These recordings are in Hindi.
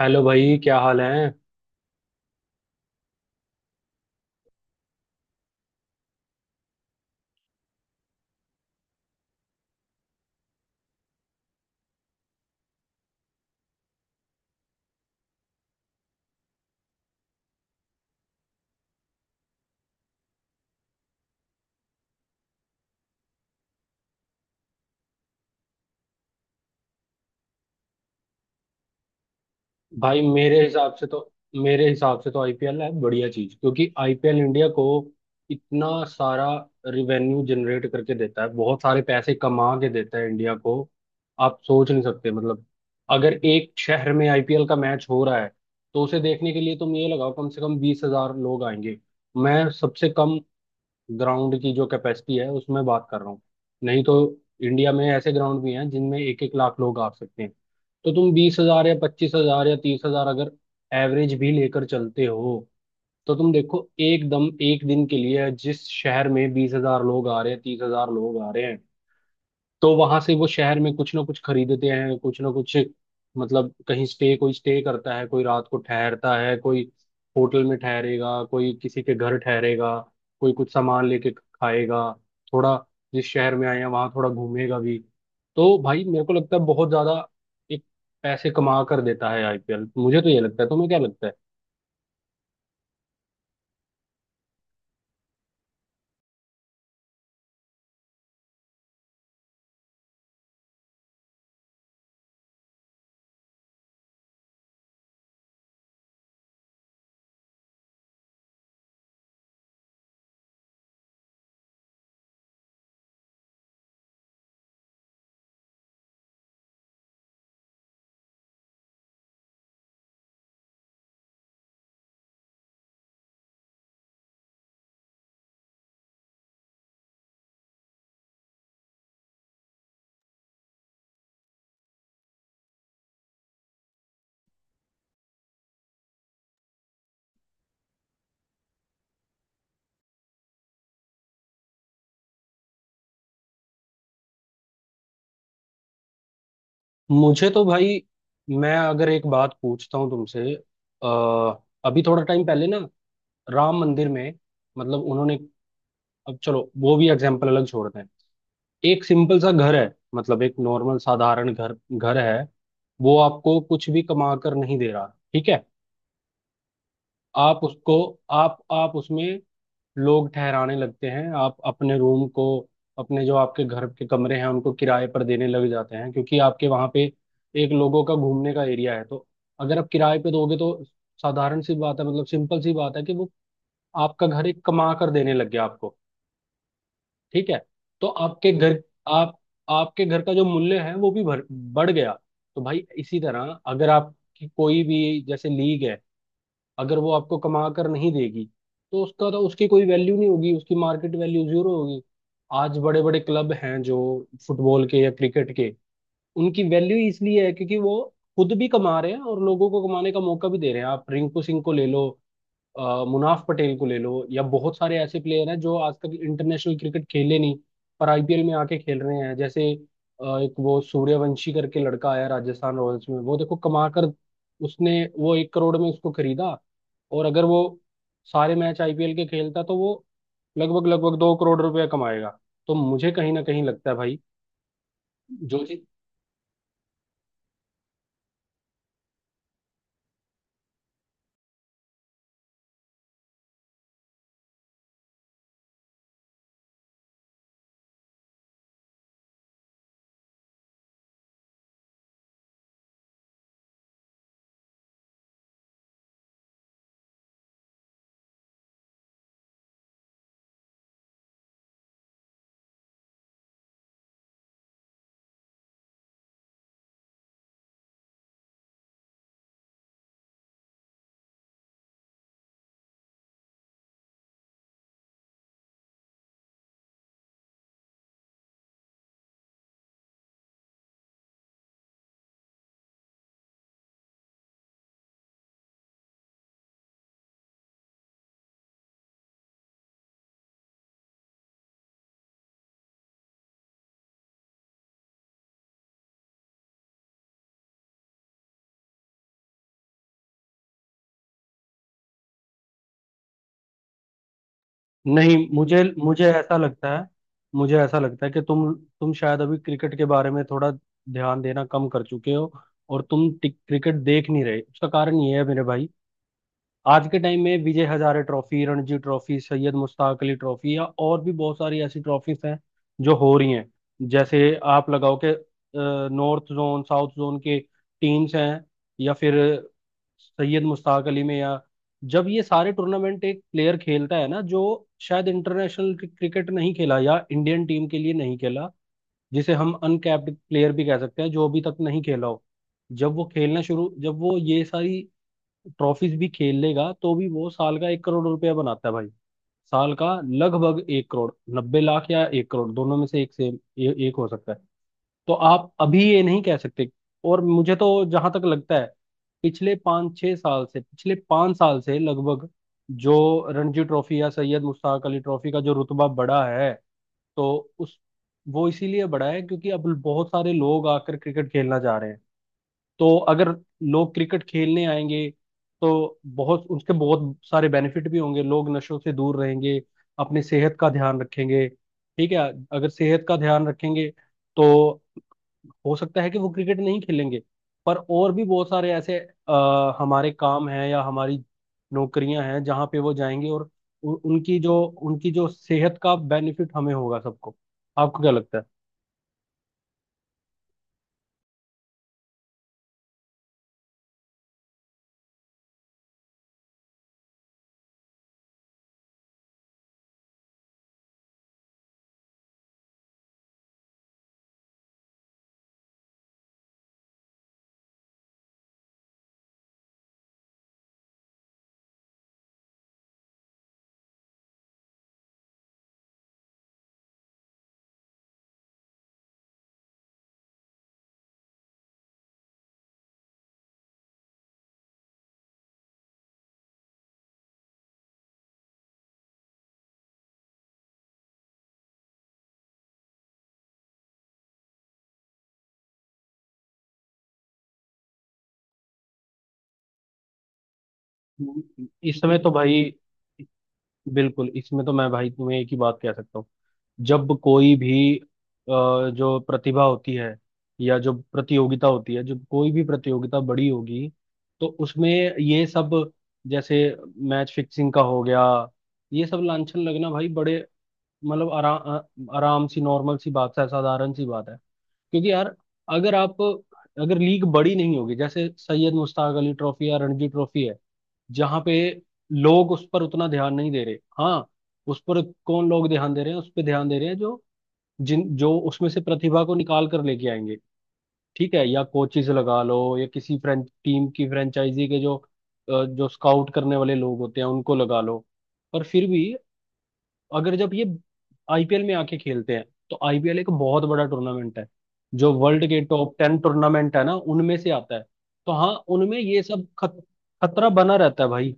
हेलो भाई, क्या हाल है भाई? मेरे हिसाब से तो आईपीएल है बढ़िया चीज क्योंकि आईपीएल इंडिया को इतना सारा रिवेन्यू जनरेट करके देता है। बहुत सारे पैसे कमा के देता है इंडिया को। आप सोच नहीं सकते। मतलब अगर एक शहर में आईपीएल का मैच हो रहा है तो उसे देखने के लिए तुम ये लगाओ, कम से कम 20,000 लोग आएंगे। मैं सबसे कम ग्राउंड की जो कैपेसिटी है उसमें बात कर रहा हूँ। नहीं तो इंडिया में ऐसे ग्राउंड भी हैं जिनमें एक एक लाख लोग आ सकते हैं। तो तुम 20,000 या 25,000 या 30,000 अगर एवरेज भी लेकर चलते हो तो तुम देखो, एकदम एक दिन के लिए जिस शहर में 20,000 लोग आ रहे हैं, 30,000 लोग आ रहे हैं, तो वहां से वो शहर में कुछ ना कुछ खरीदते हैं। कुछ ना कुछ मतलब कहीं स्टे, कोई स्टे करता है, कोई रात को ठहरता है, कोई होटल में ठहरेगा, कोई किसी के घर ठहरेगा, कोई कुछ सामान लेके खाएगा, थोड़ा जिस शहर में आए हैं वहां थोड़ा घूमेगा भी। तो भाई मेरे को लगता है बहुत ज्यादा एक पैसे कमा कर देता है आईपीएल। मुझे तो ये लगता है। तुम्हें क्या लगता है? मुझे तो भाई, मैं अगर एक बात पूछता हूँ तुमसे, अभी थोड़ा टाइम पहले ना राम मंदिर में मतलब उन्होंने, अब चलो वो भी एग्जाम्पल अलग छोड़ते हैं। एक सिंपल सा घर है। मतलब एक नॉर्मल साधारण घर घर है। वो आपको कुछ भी कमा कर नहीं दे रहा। ठीक है? आप उसको, आप उसमें लोग ठहराने लगते हैं। आप अपने रूम को, अपने जो आपके घर के कमरे हैं उनको किराए पर देने लग जाते हैं क्योंकि आपके वहां पे एक लोगों का घूमने का एरिया है। तो अगर आप किराए पे दोगे तो साधारण सी बात है, मतलब सिंपल सी बात है कि वो आपका घर एक कमा कर देने लग गया आपको। ठीक है? तो आप आपके घर का जो मूल्य है वो भी बढ़ गया। तो भाई इसी तरह, अगर आपकी कोई भी जैसे लीग है, अगर वो आपको कमा कर नहीं देगी तो उसका तो उसकी कोई वैल्यू नहीं होगी। उसकी मार्केट वैल्यू जीरो होगी। आज बड़े बड़े क्लब हैं जो फुटबॉल के या क्रिकेट के, उनकी वैल्यू इसलिए है क्योंकि वो खुद भी कमा रहे हैं और लोगों को कमाने का मौका भी दे रहे हैं। आप रिंकू सिंह को ले लो, मुनाफ पटेल को ले लो, या बहुत सारे ऐसे प्लेयर हैं जो आज तक इंटरनेशनल क्रिकेट खेले नहीं पर आईपीएल में आके खेल रहे हैं। जैसे एक वो सूर्यवंशी करके लड़का आया राजस्थान रॉयल्स में, वो देखो कमा कर, उसने वो 1 करोड़ में उसको खरीदा और अगर वो सारे मैच आईपीएल के खेलता तो वो लगभग लगभग 2 करोड़ रुपया कमाएगा। तो मुझे कहीं ना कहीं लगता है भाई जो चीज नहीं, मुझे मुझे ऐसा लगता है। मुझे ऐसा लगता है कि तुम शायद अभी क्रिकेट के बारे में थोड़ा ध्यान देना कम कर चुके हो और तुम क्रिकेट देख नहीं रहे। उसका कारण ये है मेरे भाई, आज के टाइम में Vijay Hazare trophy, Ranji trophy, Syed Mushtaq Ali trophy या और भी बहुत सारी ऐसी ट्रॉफीज हैं जो हो रही हैं। जैसे आप लगाओ कि नॉर्थ जोन, साउथ जोन के टीम्स हैं, या फिर सैयद मुश्ताक अली में, या जब ये सारे टूर्नामेंट एक प्लेयर खेलता है ना, जो शायद इंटरनेशनल क्रिकेट नहीं खेला या इंडियन टीम के लिए नहीं खेला, जिसे हम अनकैप्ड प्लेयर भी कह सकते हैं, जो अभी तक नहीं खेला हो, जब वो ये सारी ट्रॉफीज भी खेल लेगा तो भी वो साल का 1 करोड़ रुपया बनाता है भाई। साल का लगभग 1 करोड़, 90 लाख या 1 करोड़, दोनों में से एक से एक हो सकता है। तो आप अभी ये नहीं कह सकते। और मुझे तो जहां तक लगता है, पिछले 5 साल से लगभग जो रणजी ट्रॉफी या सैयद मुश्ताक अली ट्रॉफी का जो रुतबा बढ़ा है, तो उस वो इसीलिए बढ़ा है क्योंकि अब बहुत सारे लोग आकर क्रिकेट खेलना चाह रहे हैं। तो अगर लोग क्रिकेट खेलने आएंगे तो बहुत उसके बहुत सारे बेनिफिट भी होंगे। लोग नशों से दूर रहेंगे, अपनी सेहत का ध्यान रखेंगे। ठीक है? अगर सेहत का ध्यान रखेंगे तो हो सकता है कि वो क्रिकेट नहीं खेलेंगे, पर और भी बहुत सारे ऐसे हमारे काम हैं या हमारी नौकरियां हैं जहां पे वो जाएंगे, और उ, उनकी जो सेहत का बेनिफिट हमें होगा सबको। आपको क्या लगता है? इस समय तो भाई बिल्कुल, इसमें तो मैं भाई तुम्हें एक ही बात कह सकता हूँ। जब कोई भी जो प्रतिभा होती है या जो प्रतियोगिता होती है, जब कोई भी प्रतियोगिता बड़ी होगी तो उसमें ये सब, जैसे मैच फिक्सिंग का हो गया, ये सब लांछन लगना भाई बड़े, मतलब आराम आराम सी नॉर्मल सी बात है, साधारण सी बात है। क्योंकि यार, अगर आप अगर लीग बड़ी नहीं होगी, जैसे सैयद मुश्ताक अली ट्रॉफी या रणजी ट्रॉफी है, जहाँ पे लोग उस पर उतना ध्यान नहीं दे रहे। हाँ, उस पर कौन लोग ध्यान दे रहे हैं? उस पर ध्यान दे रहे हैं जो, जिन जो उसमें से प्रतिभा को निकाल कर लेके आएंगे। ठीक है? या कोचिज लगा लो, या किसी फ्रेंच टीम की फ्रेंचाइजी के जो जो स्काउट करने वाले लोग होते हैं, उनको लगा लो। पर फिर भी अगर जब ये आईपीएल में आके खेलते हैं तो आईपीएल एक बहुत बड़ा टूर्नामेंट है, जो वर्ल्ड के टॉप टेन टूर्नामेंट है ना उनमें से आता है। तो हाँ, उनमें ये सब खतरा बना रहता है भाई।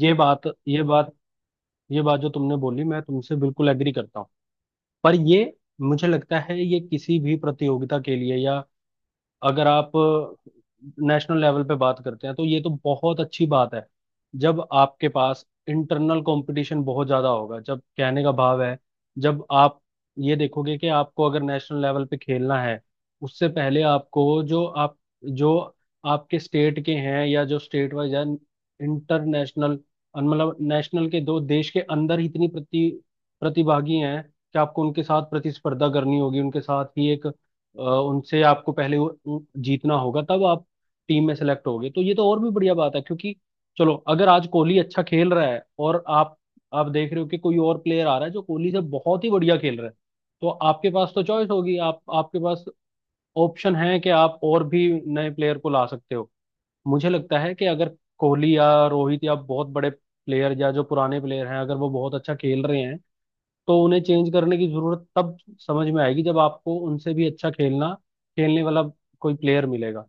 ये बात ये बात ये बात जो तुमने बोली, मैं तुमसे बिल्कुल एग्री करता हूँ। पर ये, मुझे लगता है ये किसी भी प्रतियोगिता के लिए, या अगर आप नेशनल लेवल पे बात करते हैं, तो ये तो बहुत अच्छी बात है। जब आपके पास इंटरनल कंपटीशन बहुत ज्यादा होगा, जब कहने का भाव है, जब आप ये देखोगे कि आपको अगर नेशनल लेवल पे खेलना है, उससे पहले आपको जो आपके स्टेट के हैं या जो स्टेट वाइज है, इंटरनेशनल मतलब नेशनल के, दो देश के अंदर ही इतनी प्रतिभागी हैं, कि आपको उनके साथ प्रतिस्पर्धा करनी होगी, उनके साथ ही एक, उनसे आपको पहले जीतना होगा तब आप टीम में सेलेक्ट होगे। तो ये तो और भी बढ़िया बात है क्योंकि चलो अगर आज कोहली अच्छा खेल रहा है और आप देख रहे हो कि कोई और प्लेयर आ रहा है जो कोहली से बहुत ही बढ़िया खेल रहा है, तो आपके पास तो चॉइस होगी। आप आपके पास ऑप्शन है कि आप और भी नए प्लेयर को ला सकते हो। मुझे लगता है कि अगर कोहली या रोहित या बहुत बड़े प्लेयर या जो पुराने प्लेयर हैं, अगर वो बहुत अच्छा खेल रहे हैं, तो उन्हें चेंज करने की जरूरत तब समझ में आएगी जब आपको उनसे भी अच्छा खेलना खेलने वाला कोई प्लेयर मिलेगा।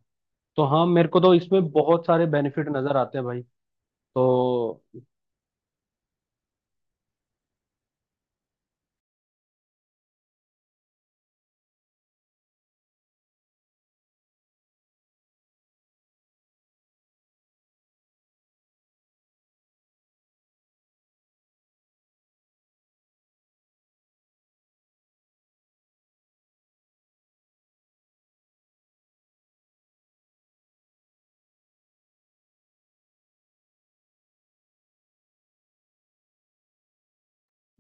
तो हाँ, मेरे को तो इसमें बहुत सारे बेनिफिट नजर आते हैं भाई। तो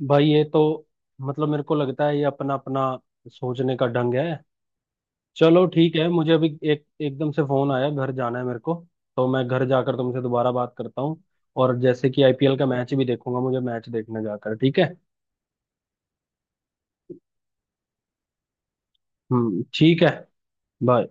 भाई ये तो, मतलब मेरे को लगता है ये अपना अपना सोचने का ढंग है। चलो ठीक है, मुझे अभी एक एकदम से फोन आया, घर जाना है मेरे को। तो मैं घर जाकर तुमसे दोबारा बात करता हूँ। और जैसे कि आईपीएल का मैच भी देखूंगा, मुझे मैच देखने जाकर। ठीक है? हम्म, ठीक है। बाय।